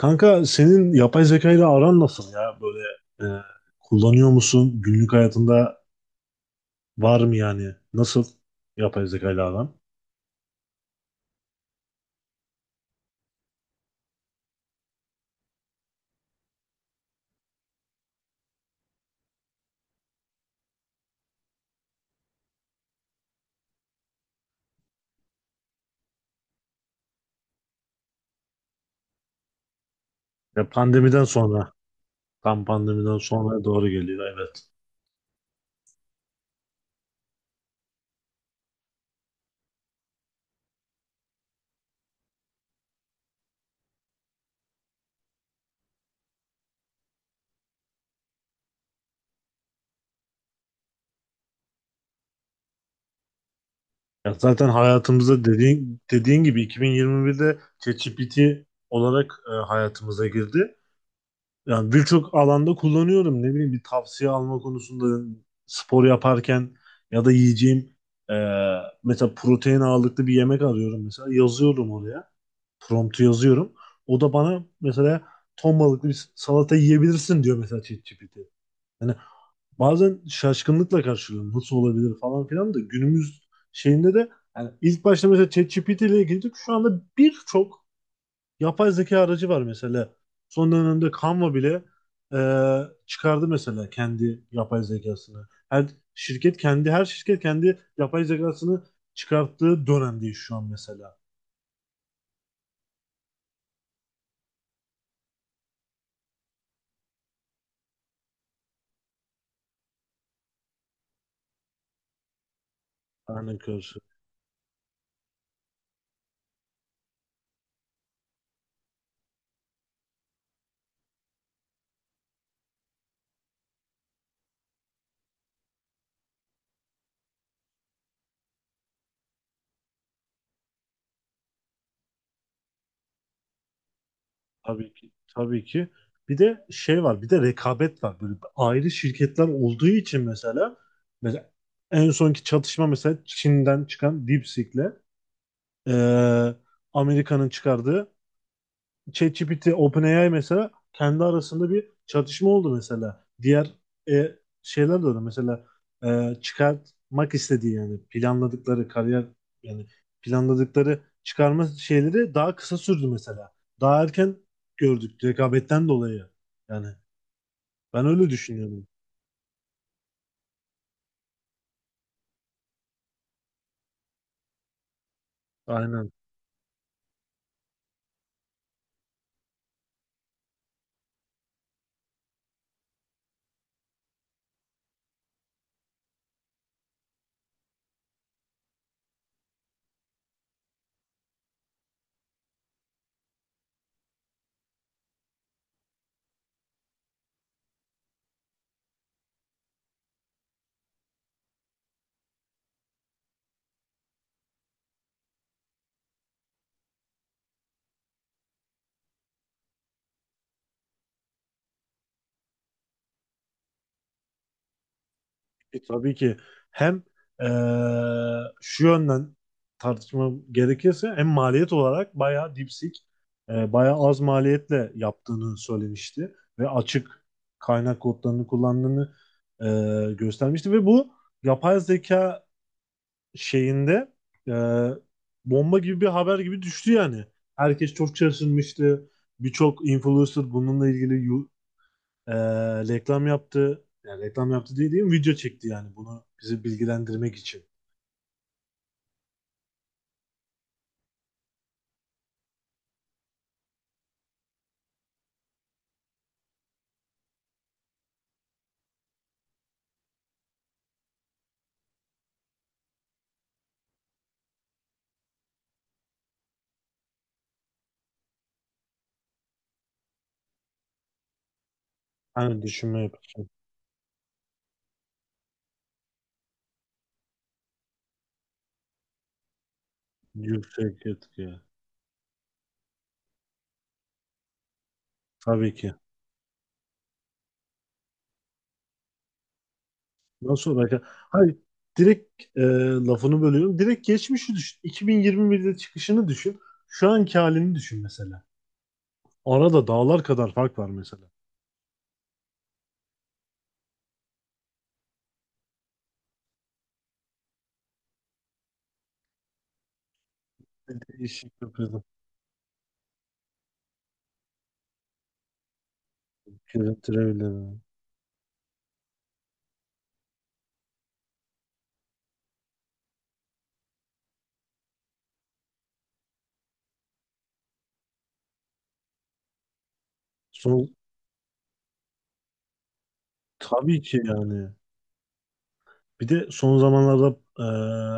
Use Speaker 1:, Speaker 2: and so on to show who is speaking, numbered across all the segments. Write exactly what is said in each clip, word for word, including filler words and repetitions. Speaker 1: Kanka senin yapay zeka ile aran nasıl ya? Böyle e, kullanıyor musun? Günlük hayatında var mı yani? Nasıl yapay zeka ile aran? Ya pandemiden sonra, tam pandemiden sonra doğru geliyor, evet. Ya zaten hayatımızda dediğin, dediğin gibi iki bin yirmi birde ChatGPT olarak e, hayatımıza girdi. Yani birçok alanda kullanıyorum. Ne bileyim, bir tavsiye alma konusunda, spor yaparken ya da yiyeceğim, e, mesela protein ağırlıklı bir yemek arıyorum mesela, yazıyorum oraya. Promptu yazıyorum. O da bana mesela ton balıklı bir salata yiyebilirsin diyor mesela, ChatGPT. Yani bazen şaşkınlıkla karşılıyorum. Nasıl olabilir falan filan, da günümüz şeyinde de yani ilk başta mesela ChatGPT ile ilgili şu anda birçok yapay zeka aracı var mesela. Son dönemde Canva bile e, çıkardı mesela kendi yapay zekasını. Her şirket kendi her şirket kendi yapay zekasını çıkarttığı dönemdeyiz şu an mesela. Örnek karşı. Tabii ki. Tabii ki. Bir de şey var, bir de rekabet var. Böyle ayrı şirketler olduğu için mesela mesela en sonki çatışma mesela Çin'den çıkan DeepSeek'le, e, Amerika'nın çıkardığı ChatGPT, OpenAI mesela kendi arasında bir çatışma oldu mesela. Diğer e, şeyler de öyle. Mesela e, çıkartmak istediği, yani planladıkları kariyer, yani planladıkları çıkarma şeyleri daha kısa sürdü mesela. Daha erken gördük rekabetten dolayı. Yani ben öyle düşünüyorum. Aynen. E, Tabii ki hem eee, şu yönden tartışma gerekirse hem maliyet olarak bayağı dipsik, eee bayağı az maliyetle yaptığını söylemişti ve açık kaynak kodlarını kullandığını eee, göstermişti ve bu yapay zeka şeyinde eee, bomba gibi bir haber gibi düştü yani. Herkes çok şaşırmıştı. Birçok influencer bununla ilgili ee, reklam yaptı. Yani reklam yaptı diye değil mi? Video çekti yani, bunu bizi bilgilendirmek için. Hani düşünme yapısı, yüksek etki. Tabii ki. Nasıl olacak? Hayır. Direkt e, lafını bölüyorum. Direkt geçmişi düşün. iki bin yirmi birde çıkışını düşün. Şu anki halini düşün mesela. Arada dağlar kadar fark var mesela. Değişik bir kızım. Son, tabii ki yani. Bir de son zamanlarda e,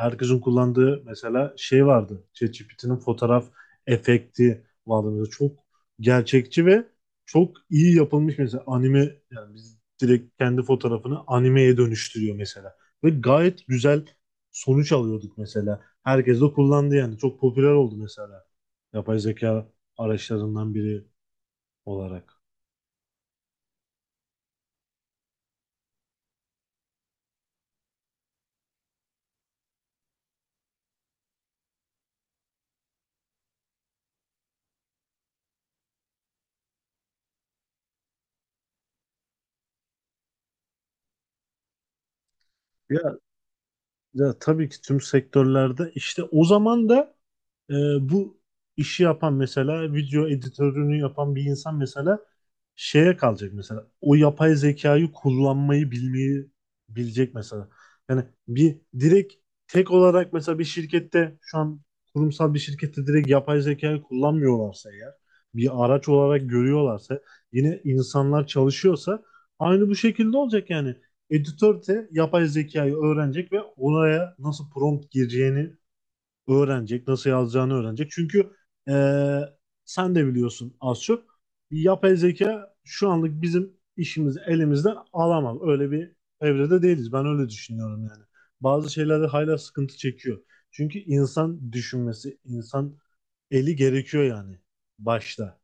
Speaker 1: herkesin kullandığı mesela şey vardı. ChatGPT'nin fotoğraf efekti vardı. Mesela çok gerçekçi ve çok iyi yapılmış mesela anime, yani biz direkt kendi fotoğrafını animeye dönüştürüyor mesela. Ve gayet güzel sonuç alıyorduk mesela. Herkes de kullandı yani. Çok popüler oldu mesela. Yapay zeka araçlarından biri olarak. Ya, ya tabii ki tüm sektörlerde işte, o zaman da Ee, bu işi yapan mesela video editörünü yapan bir insan mesela şeye kalacak mesela. O yapay zekayı kullanmayı bilmeyi bilecek mesela. Yani bir direkt tek olarak mesela bir şirkette şu an, kurumsal bir şirkette direkt yapay zekayı kullanmıyorlarsa eğer, bir araç olarak görüyorlarsa, yine insanlar çalışıyorsa aynı bu şekilde olacak yani. Editör de yapay zekayı öğrenecek ve oraya nasıl prompt gireceğini öğrenecek, nasıl yazacağını öğrenecek. Çünkü e, sen de biliyorsun az çok. Yapay zeka şu anlık bizim işimizi elimizden alamaz. Öyle bir evrede değiliz. Ben öyle düşünüyorum yani. Bazı şeylerde hala sıkıntı çekiyor. Çünkü insan düşünmesi, insan eli gerekiyor yani başta.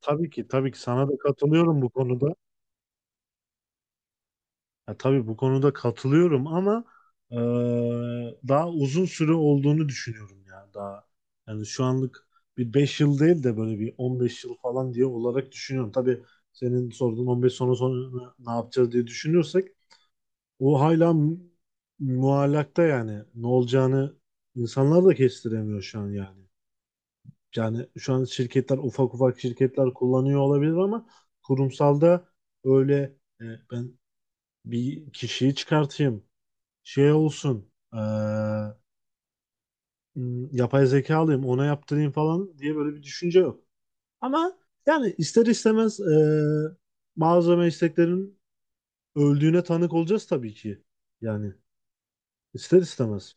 Speaker 1: Tabii ki, tabii ki sana da katılıyorum bu konuda. Ya tabii bu konuda katılıyorum ama eee, daha uzun süre olduğunu düşünüyorum ya, daha. Yani şu anlık bir beş yıl değil de böyle bir on beş yıl falan diye olarak düşünüyorum. Tabii senin sorduğun on beş sene sonra ne yapacağız diye düşünüyorsak o hala mu- muallakta, yani ne olacağını insanlar da kestiremiyor şu an yani. Yani şu an şirketler, ufak ufak şirketler kullanıyor olabilir ama kurumsalda öyle e, ben bir kişiyi çıkartayım, şey olsun, e, m, yapay zeka alayım ona yaptırayım falan diye böyle bir düşünce yok. Ama yani ister istemez e, bazı mesleklerin öldüğüne tanık olacağız tabii ki. Yani ister istemez.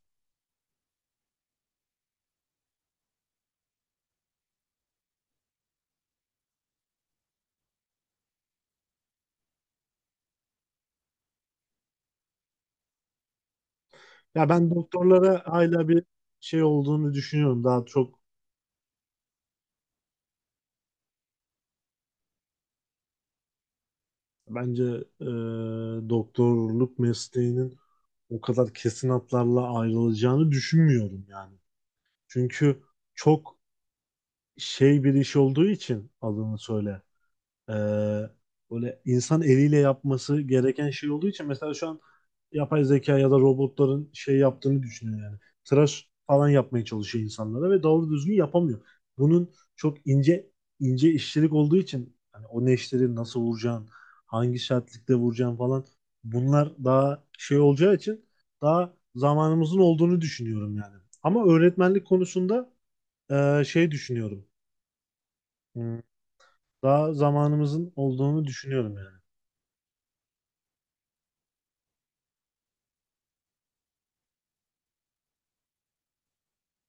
Speaker 1: Ya ben doktorlara hala bir şey olduğunu düşünüyorum. Daha çok bence e, doktorluk mesleğinin o kadar kesin hatlarla ayrılacağını düşünmüyorum yani. Çünkü çok şey bir iş olduğu için adını söyle. Ee, böyle insan eliyle yapması gereken şey olduğu için mesela şu an yapay zeka ya da robotların şey yaptığını düşünüyor yani. Tıraş falan yapmaya çalışıyor insanlara ve doğru düzgün yapamıyor. Bunun çok ince ince işçilik olduğu için hani o neşteri nasıl vuracağın, hangi sertlikte vuracağın falan, bunlar daha şey olacağı için daha zamanımızın olduğunu düşünüyorum yani. Ama öğretmenlik konusunda e, şey düşünüyorum. Hmm. Daha zamanımızın olduğunu düşünüyorum yani.